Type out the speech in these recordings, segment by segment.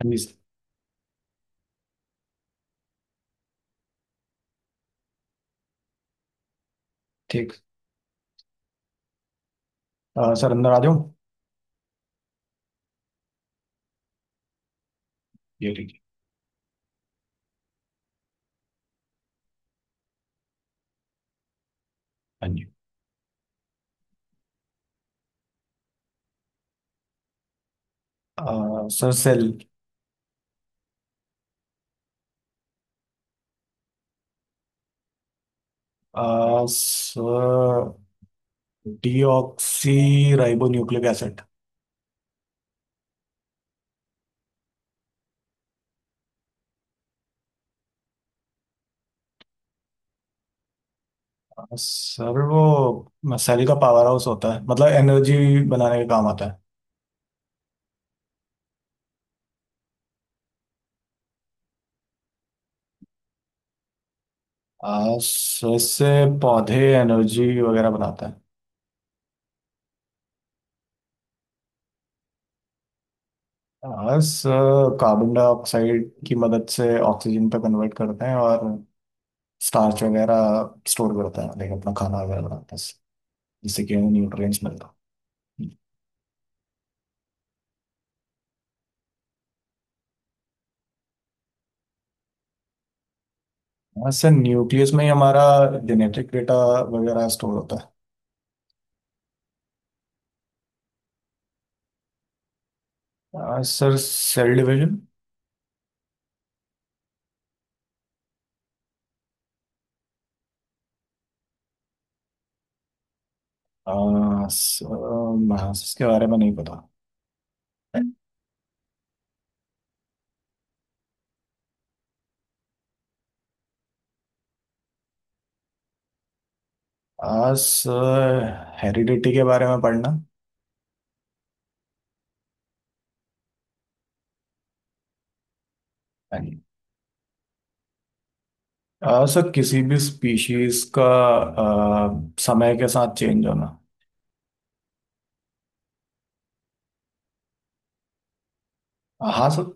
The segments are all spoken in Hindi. हाँ जी सर। ठीक। सर अंदर आ जाओ। ये ठीक है। हाँ जी। Sir cell. Sir deoxyribonucleic acid. Sir वो सेल का पावर हाउस होता है, मतलब एनर्जी बनाने के काम आता है। सर इससे पौधे एनर्जी वगैरह बनाते हैं। सर कार्बन डाइऑक्साइड की मदद से ऑक्सीजन पे कन्वर्ट करते हैं और स्टार्च वगैरह स्टोर करते हैं, लेकिन अपना खाना वगैरह बनाते हैं जिससे कि न्यूट्रिएंट्स मिलता है। हाँ सर, न्यूक्लियस में ही हमारा जेनेटिक डेटा वगैरह स्टोर होता है। हाँ, सर सेल डिवीजन। हाँ सर, हाँ, इसके बारे में नहीं पता। हाँ सर, हेरिडिटी के बारे में पढ़ना। नहीं। हाँ सर, किसी भी स्पीशीज का समय के साथ चेंज होना। हाँ सर।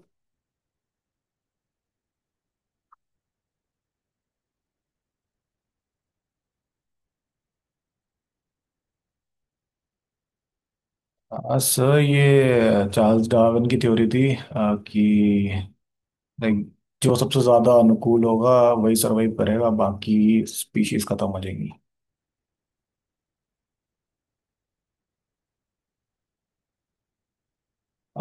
हाँ सर, ये चार्ल्स डार्विन की थ्योरी थी कि like, जो सबसे ज्यादा अनुकूल होगा वही सरवाइव करेगा, बाकी स्पीशीज खत्म हो जाएंगी।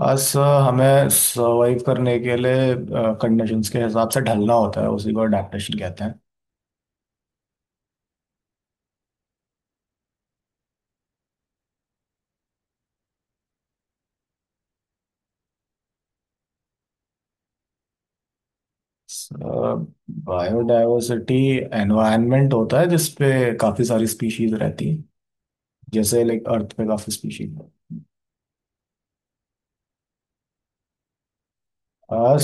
आज सर हमें सर्वाइव करने के लिए कंडीशंस के हिसाब से ढलना होता है, उसी को अडेप्टेशन कहते हैं। बायोडायवर्सिटी एनवायरनमेंट होता है जिसपे काफ़ी सारी स्पीशीज रहती हैं, जैसे लाइक अर्थ पे काफ़ी स्पीशीज।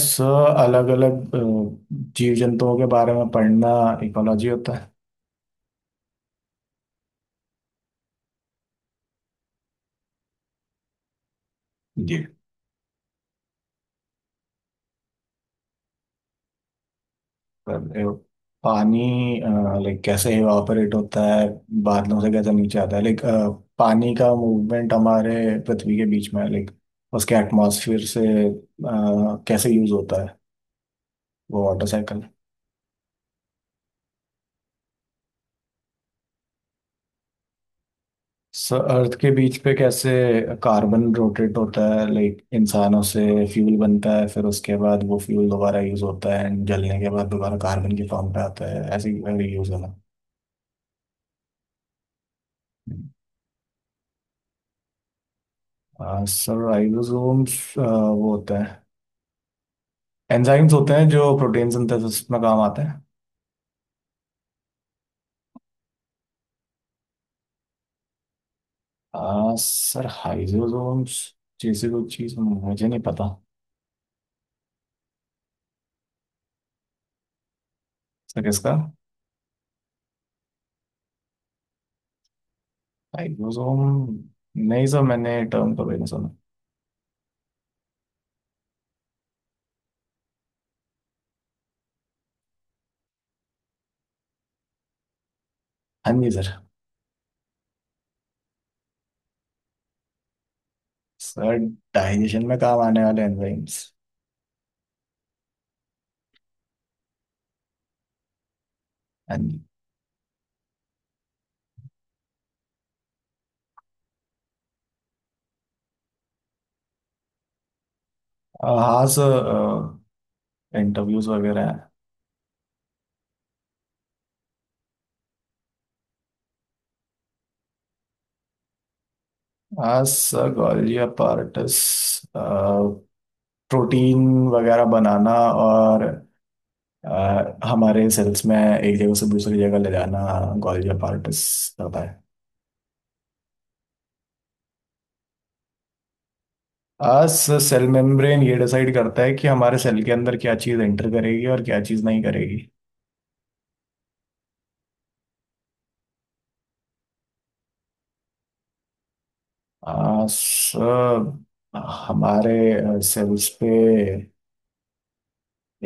सर अलग अलग जीव जंतुओं के बारे में पढ़ना इकोलॉजी होता है। जी। कर रहे हो। पानी, लाइक कैसे इवापोरेट होता है, बादलों से कैसे नीचे आता है, लाइक पानी का मूवमेंट हमारे पृथ्वी के बीच में है, लाइक उसके एटमॉस्फेयर से कैसे यूज होता है, वो वाटर साइकिल। अर्थ के बीच पे कैसे कार्बन रोटेट होता है, लाइक इंसानों से फ्यूल बनता है, फिर उसके बाद वो फ्यूल दोबारा यूज होता है एंड जलने के बाद दोबारा कार्बन के फॉर्म पे आता है, ऐसे यूज होना। सर राइबोसोम्स वो होता है, एंजाइम्स होते हैं जो प्रोटीन सिंथेसिस में काम आते हैं। सर हाइजोसोम्स जैसी कोई चीज मुझे नहीं पता। सर किसका? हाइजोसोम। नहीं सर, मैंने टर्म तो नहीं सुना। हाँ जी सर। सर डाइजेशन में काम आने वाले एंजाइम्स। हाँ जी। हाँ सर, इंटरव्यूज वगैरह हैं। हाँ सर, गॉल्गी अपार्टस प्रोटीन वगैरह बनाना और हमारे सेल्स में एक जगह से दूसरी जगह ले जाना, ओंकोलॉजी ऑफ आर्टिस करता है। आज सेल मेम्ब्रेन ये डिसाइड करता है कि हमारे सेल के अंदर क्या चीज़ एंटर करेगी और क्या चीज़ नहीं करेगी। आज हमारे सेल्स पे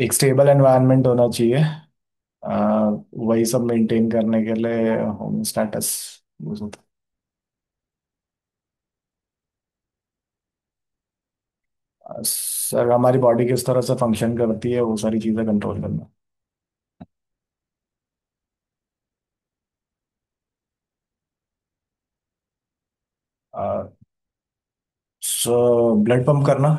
एक स्टेबल एनवायरनमेंट होना चाहिए। अ, वही सब मेंटेन करने के लिए होमोस्टैटिस वो सब। आ, सर हमारी बॉडी किस तरह से फंक्शन करती है, वो सारी चीज़ें कंट्रोल करना। सो ब्लड पंप करना।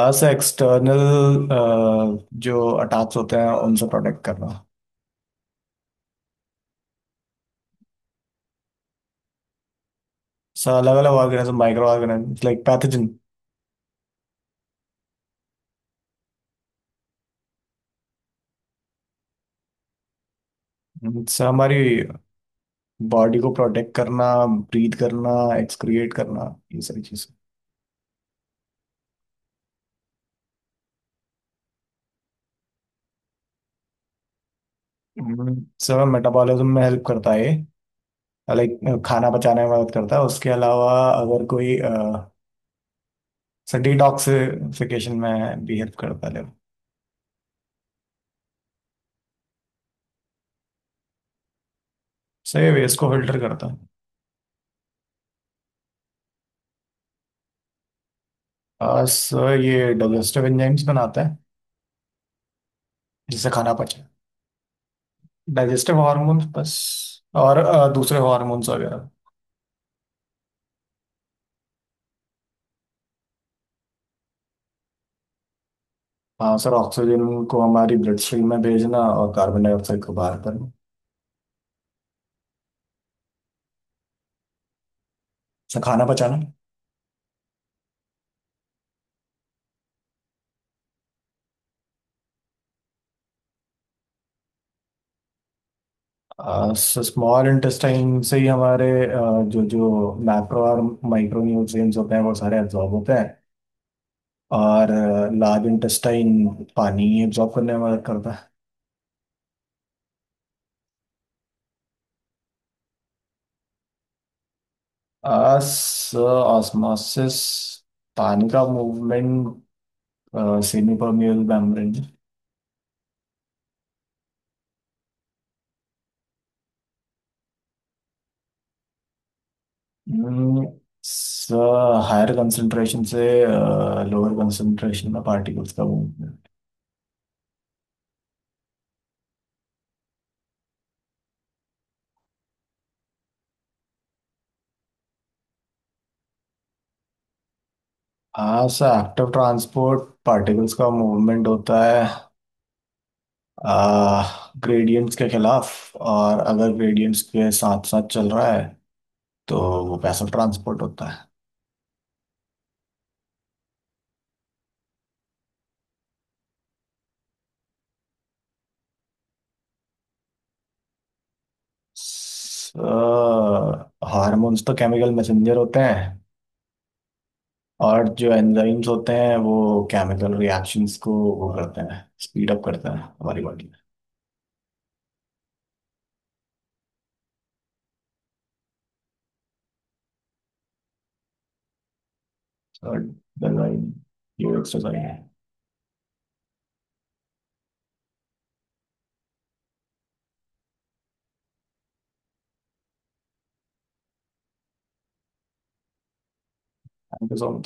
अस एक्सटर्नल जो अटैक्स होते हैं उनसे प्रोटेक्ट करना। सो अलग अलग organism, micro organism, like pathogen. से हमारी बॉडी को प्रोटेक्ट करना, ब्रीथ करना, एक्सक्रिएट करना, ये सारी चीज़ें। हम्म, सर मेटाबॉलिज्म में हेल्प करता है, लाइक खाना पचाने में मदद करता है, उसके अलावा अगर कोई सर डिटॉक्सिफिकेशन में भी हेल्प करता है। सर ये वेस्ट को फिल्टर करता है। सर ये डाइजेस्टिव एंजाइम्स बनाता है जिससे खाना पचे, डाइजेस्टिव हार्मोन्स बस, और दूसरे हार्मोन्स वगैरह। हाँ सर, ऑक्सीजन को हमारी ब्लड स्ट्रीम में भेजना और कार्बन डाइऑक्साइड को बाहर करना। सर खाना पचाना। स्मॉल इंटेस्टाइन से ही हमारे जो जो मैक्रो और माइक्रो न्यूट्रिएंट्स होते हैं वो सारे एब्जॉर्ब होते हैं, और लार्ज इंटेस्टाइन पानी एब्जॉर्ब करने में मदद करता है। ऑस्मोसिस पानी का movement, semi permeable membrane. Higher concentration से लोअर कंसंट्रेशन में पार्टिकल्स का मूवमेंट। हाँ सर, एक्टिव ट्रांसपोर्ट पार्टिकल्स का मूवमेंट होता है ग्रेडियंट्स के खिलाफ, और अगर ग्रेडियंट्स के साथ साथ चल रहा है तो वो पैसिव ट्रांसपोर्ट होता है। हार्मोन्स तो केमिकल मैसेंजर होते हैं। और जो एंजाइम्स होते हैं वो केमिकल रिएक्शंस को वो करते हैं, स्पीड अप करते हैं हमारी body. Like, then I, you work so like, I was on